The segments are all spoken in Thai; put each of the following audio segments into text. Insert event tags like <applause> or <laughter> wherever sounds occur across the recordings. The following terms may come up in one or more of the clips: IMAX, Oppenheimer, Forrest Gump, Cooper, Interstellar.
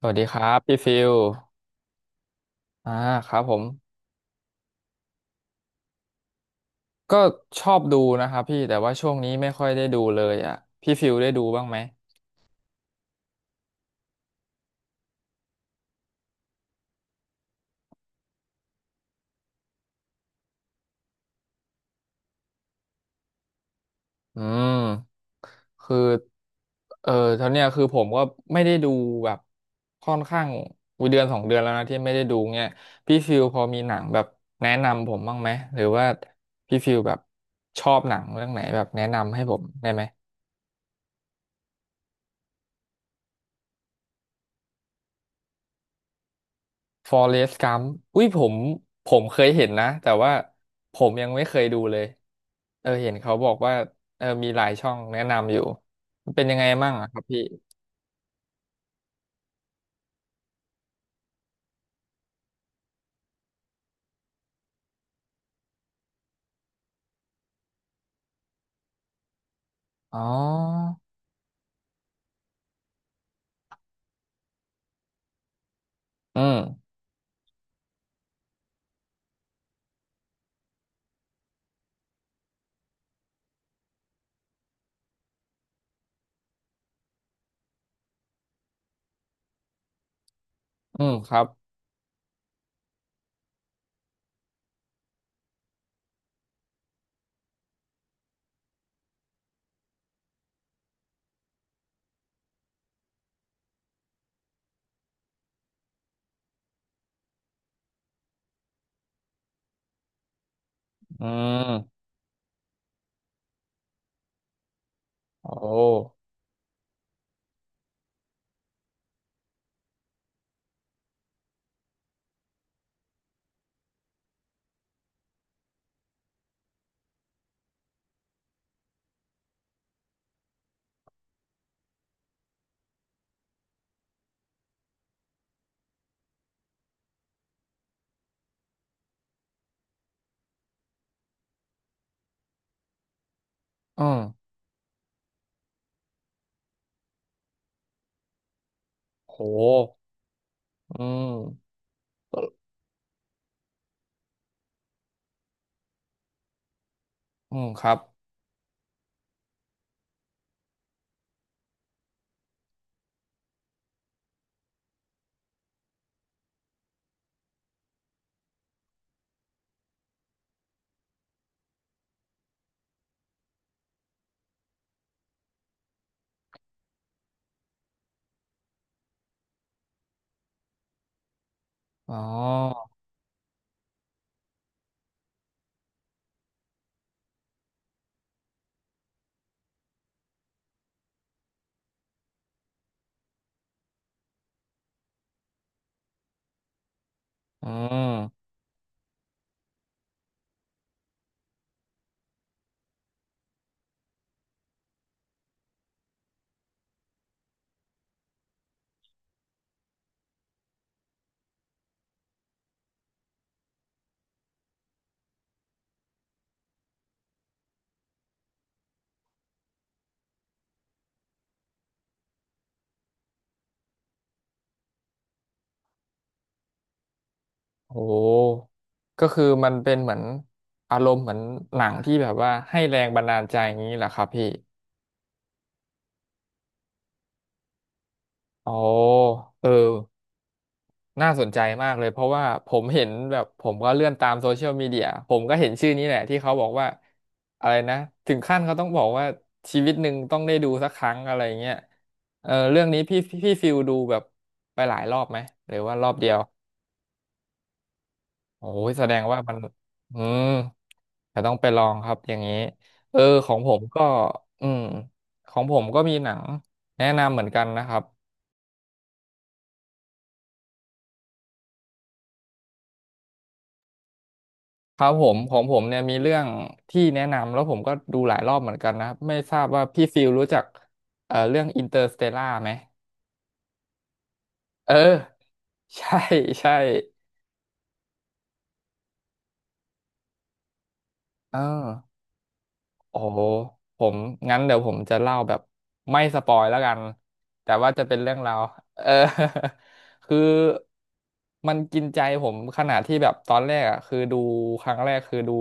สวัสดีครับพี่ฟิลอ่าครับผมก็ชอบดูนะครับพี่แต่ว่าช่วงนี้ไม่ค่อยได้ดูเลยอ่ะพี่ฟิลได้ดูบ้างไหมอืมคือเออตอนเนี้ยคือผมก็ไม่ได้ดูแบบค่อนข้างวิเดือนสองเดือนแล้วนะที่ไม่ได้ดูเงี้ยพี่ฟิลพอมีหนังแบบแนะนำผมบ้างไหมหรือว่าพี่ฟิลแบบชอบหนังเรื่องไหนแบบแนะนำให้ผมได้ไหม ฟอเรสต์กัมอุ้ยผมเคยเห็นนะแต่ว่าผมยังไม่เคยดูเลยเห็นเขาบอกว่ามีหลายช่องแนะนำอยู่มันเป็นยังไงมั่งอะครับพี่อ๋ออืมอืมครับอืมโอ้อืมโหอืมอืมครับอ๋ออืมโหก็คือมันเป็นเหมือนอารมณ์เหมือนหนังที่แบบว่าให้แรงบันดาลใจอย่างนี้แหละครับพี่โอ้เออ น่าสนใจมากเลยเพราะว่าผมเห็นแบบผมก็เลื่อนตามโซเชียลมีเดียผมก็เห็นชื่อนี้แหละที่เขาบอกว่าอะไรนะถึงขั้นเขาต้องบอกว่าชีวิตหนึ่งต้องได้ดูสักครั้งอะไรเงี้ยเออเรื่องนี้พี่ฟิลดูแบบไปหลายรอบไหมหรือว่ารอบเดียวโอ้ยแสดงว่ามันอืมแต่ต้องไปลองครับอย่างนี้เออของผมก็อืมของผมก็มีหนังแนะนำเหมือนกันนะครับ ครับผมของผมเนี่ยมีเรื่องที่แนะนำแล้วผมก็ดูหลายรอบเหมือนกันนะครับไม่ทราบว่าพี่ฟิลรู้จักเรื่องอินเตอร์สเตลล่าไหมเออใช่ใช่เออ โอ้โหผมงั้นเดี๋ยวผมจะเล่าแบบไม่สปอยแล้วกันแต่ว่าจะเป็นเรื่องราวเออ <laughs> คือมันกินใจผมขนาดที่แบบตอนแรกอ่ะคือดูครั้งแรกคือดู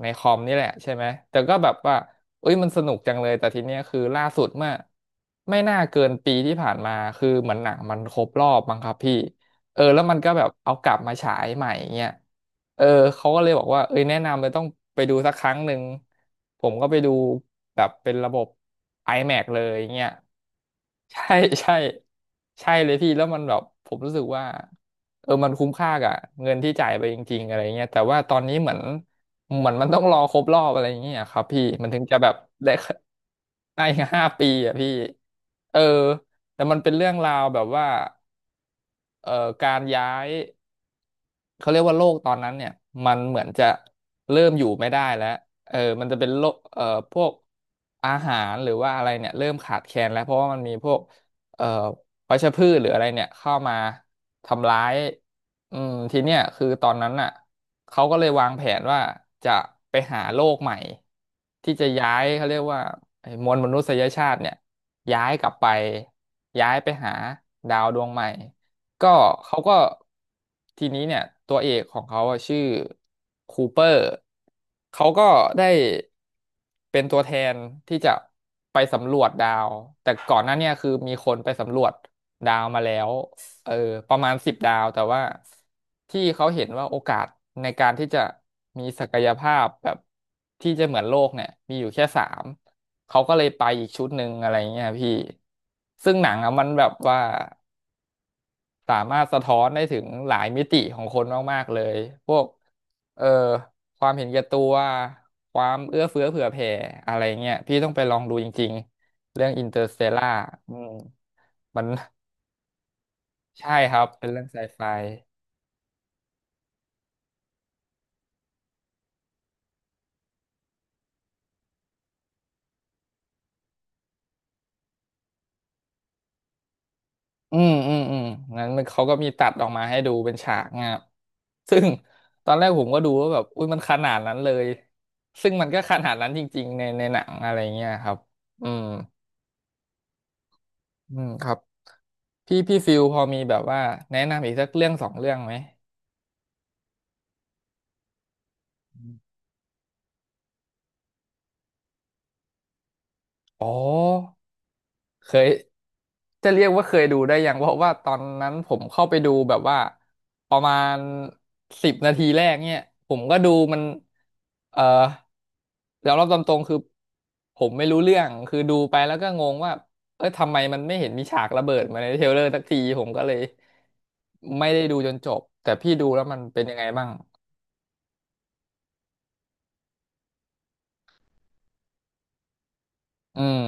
ในคอมนี่แหละใช่ไหมแต่ก็แบบว่าเอ้ยมันสนุกจังเลยแต่ทีเนี้ยคือล่าสุดเมื่อไม่น่าเกินปีที่ผ่านมาคือเหมือนหนังมันครบรอบมั้งครับพี่ เออแล้วมันก็แบบเอากลับมาฉายใหม่เงี้ยเออเขาก็เลยบอกว่าเอ้ยแนะนำเลยต้องไปดูสักครั้งหนึ่งผมก็ไปดูแบบเป็นระบบ IMAX เลยเงี้ย <laughs> ใช่ใช่ใช่เลยพี่แล้วมันแบบผมรู้สึกว่าเออมันคุ้มค่ากับเงินที่จ่ายไปจริงๆอะไรเงี้ยแต่ว่าตอนนี้เหมือนมันต้องรอครบรอบอะไรเงี้ยครับพี่มันถึงจะแบบได้ <laughs> ได้ห้าปีอ่ะพี่เออแต่มันเป็นเรื่องราวแบบว่าเอ่อการย้าย เขาเรียกว่าโลกตอนนั้นเนี่ยมันเหมือนจะเริ่มอยู่ไม่ได้แล้วเออมันจะเป็นโลกพวกอาหารหรือว่าอะไรเนี่ยเริ่มขาดแคลนแล้วเพราะว่ามันมีพวกเอ่อวัชพืชหรืออะไรเนี่ยเข้ามาทำร้ายอืมทีเนี้ยคือตอนนั้นน่ะเขาก็เลยวางแผนว่าจะไปหาโลกใหม่ที่จะย้ายเขาเรียกว่าไอ้มวลมนุษยชาติเนี่ยย้ายกลับไปย้ายไปหาดาวดวงใหม่ ก็เขาก็ทีนี้เนี่ยตัวเอกของเขาอะชื่อคูเปอร์เขาก็ได้เป็นตัวแทนที่จะไปสำรวจดาวแต่ก่อนหน้าเนี่ยคือมีคนไปสำรวจดาวมาแล้วเออประมาณสิบดาวแต่ว่าที่เขาเห็นว่าโอกาสในการที่จะมีศักยภาพแบบที่จะเหมือนโลกเนี่ยมีอยู่แค่สามเขาก็เลยไปอีกชุดหนึ่งอะไรเงี้ยพี่ซึ่งหนังอะมันแบบว่า สามารถสะท้อนได้ถึงหลายมิติของคนมากๆเลย พวกเอ่อความเห็นแก่ตัวความเอื้อเฟื้อเผื่อแผ่อะไรเงี้ยพี่ต้องไปลองดูจริงๆเรื่องอินเตอร์สเตลล่าอืมมันใช่ครับเป็นเรื่องไซไฟอืมอืมอืมงั้นมันเขาก็มีตัดออกมาให้ดูเป็นฉากเงี้ยซึ่งตอนแรกผมก็ดูว่าแบบอุ้ยมันขนาดนั้นเลยซึ่งมันก็ขนาดนั้นจริงๆในหนังอะไรเงี้ยครับอืมอืมครับ พี่ฟิลพอมีแบบว่าแนะนำอีกสักเรื่องสองเรื่องไหมอ๋อเคยจะเรียกว่าเคยดูได้ยังเพราะว่าตอนนั้นผมเข้าไปดูแบบว่าประมาณสิบนาทีแรกเนี่ยผมก็ดูมันเอ่อยอมรับตามตรงคือผมไม่รู้เรื่องคือดูไปแล้วก็งงว่าเอ้ยทำไมมันไม่เห็นมีฉากระเบิดมาในเทรลเลอร์สักทีผมก็เลยไม่ได้ดูจนจบแต่พี่ดูแล้วมันเป็นยังไงบ้างอืม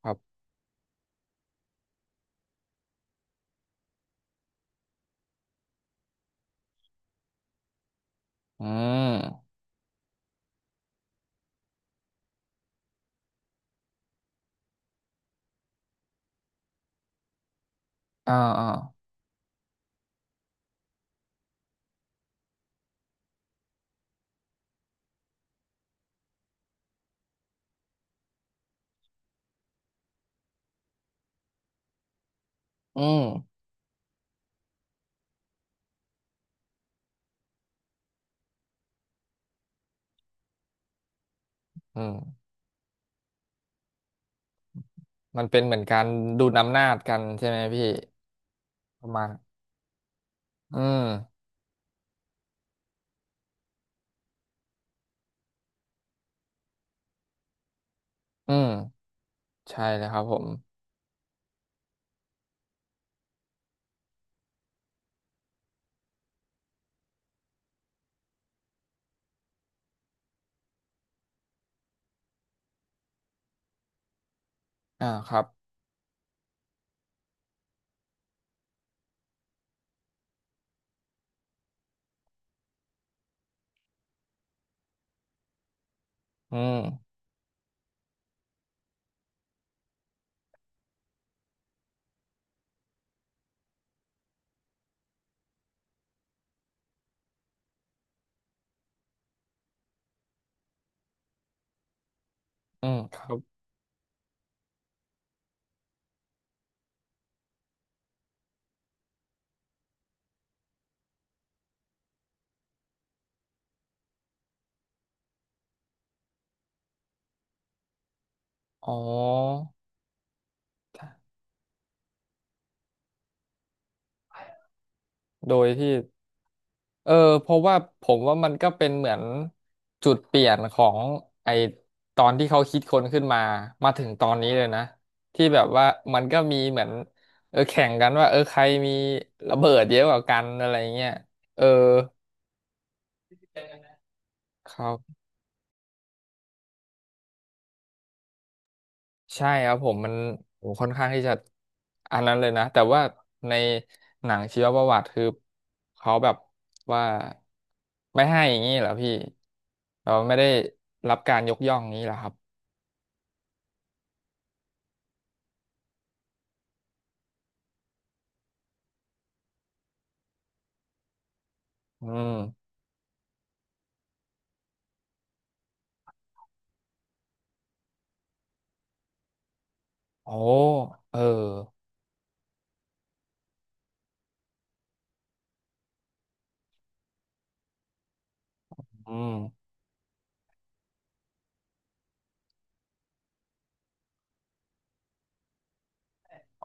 ครับอืมอ่าอ่า อืมอืมมันเป็นเหมือนการดูดอำนาจกันใช่ไหมพี่ประมาณอืมอืมใช่เลยครับผมอ่าครับอืมอืมครับอ๋อโดยที่เออเพราะว่าผมว่ามันก็เป็นเหมือนจุดเปลี่ยนของไอตอนที่เขาคิดค้นขึ้นมามาถึงตอนนี้เลยนะที่แบบว่ามันก็มีเหมือนเออแข่งกันว่าเออใครมีระเบิดเยอะกว่ากันอะไรเงี้ยเออครับ ใช่ครับผมมันโอ้ค่อนข้างที่จะอันนั้นเลยนะแต่ว่าในหนังชีวประวัติคือเขาแบบว่าไม่ให้อย่างนี้เหรอพี่เราไม่ได้รับการยกย่องนี้เหรอครับอืมโอ้เอออืม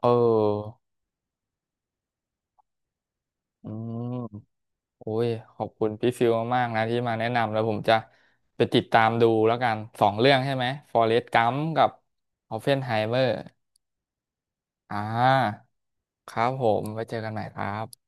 เอออืมโอ้ยขอบคุณพี่ฟิลมากๆนะที่มาแนะนำแล้วผมจะไปติดตามดูแล้วกันสองเรื่องใช่ไหมฟอเรสต์กัมกับออปเพนไฮเ e อร์ อ่าครับผมไว้เจอกันใหม่ครับ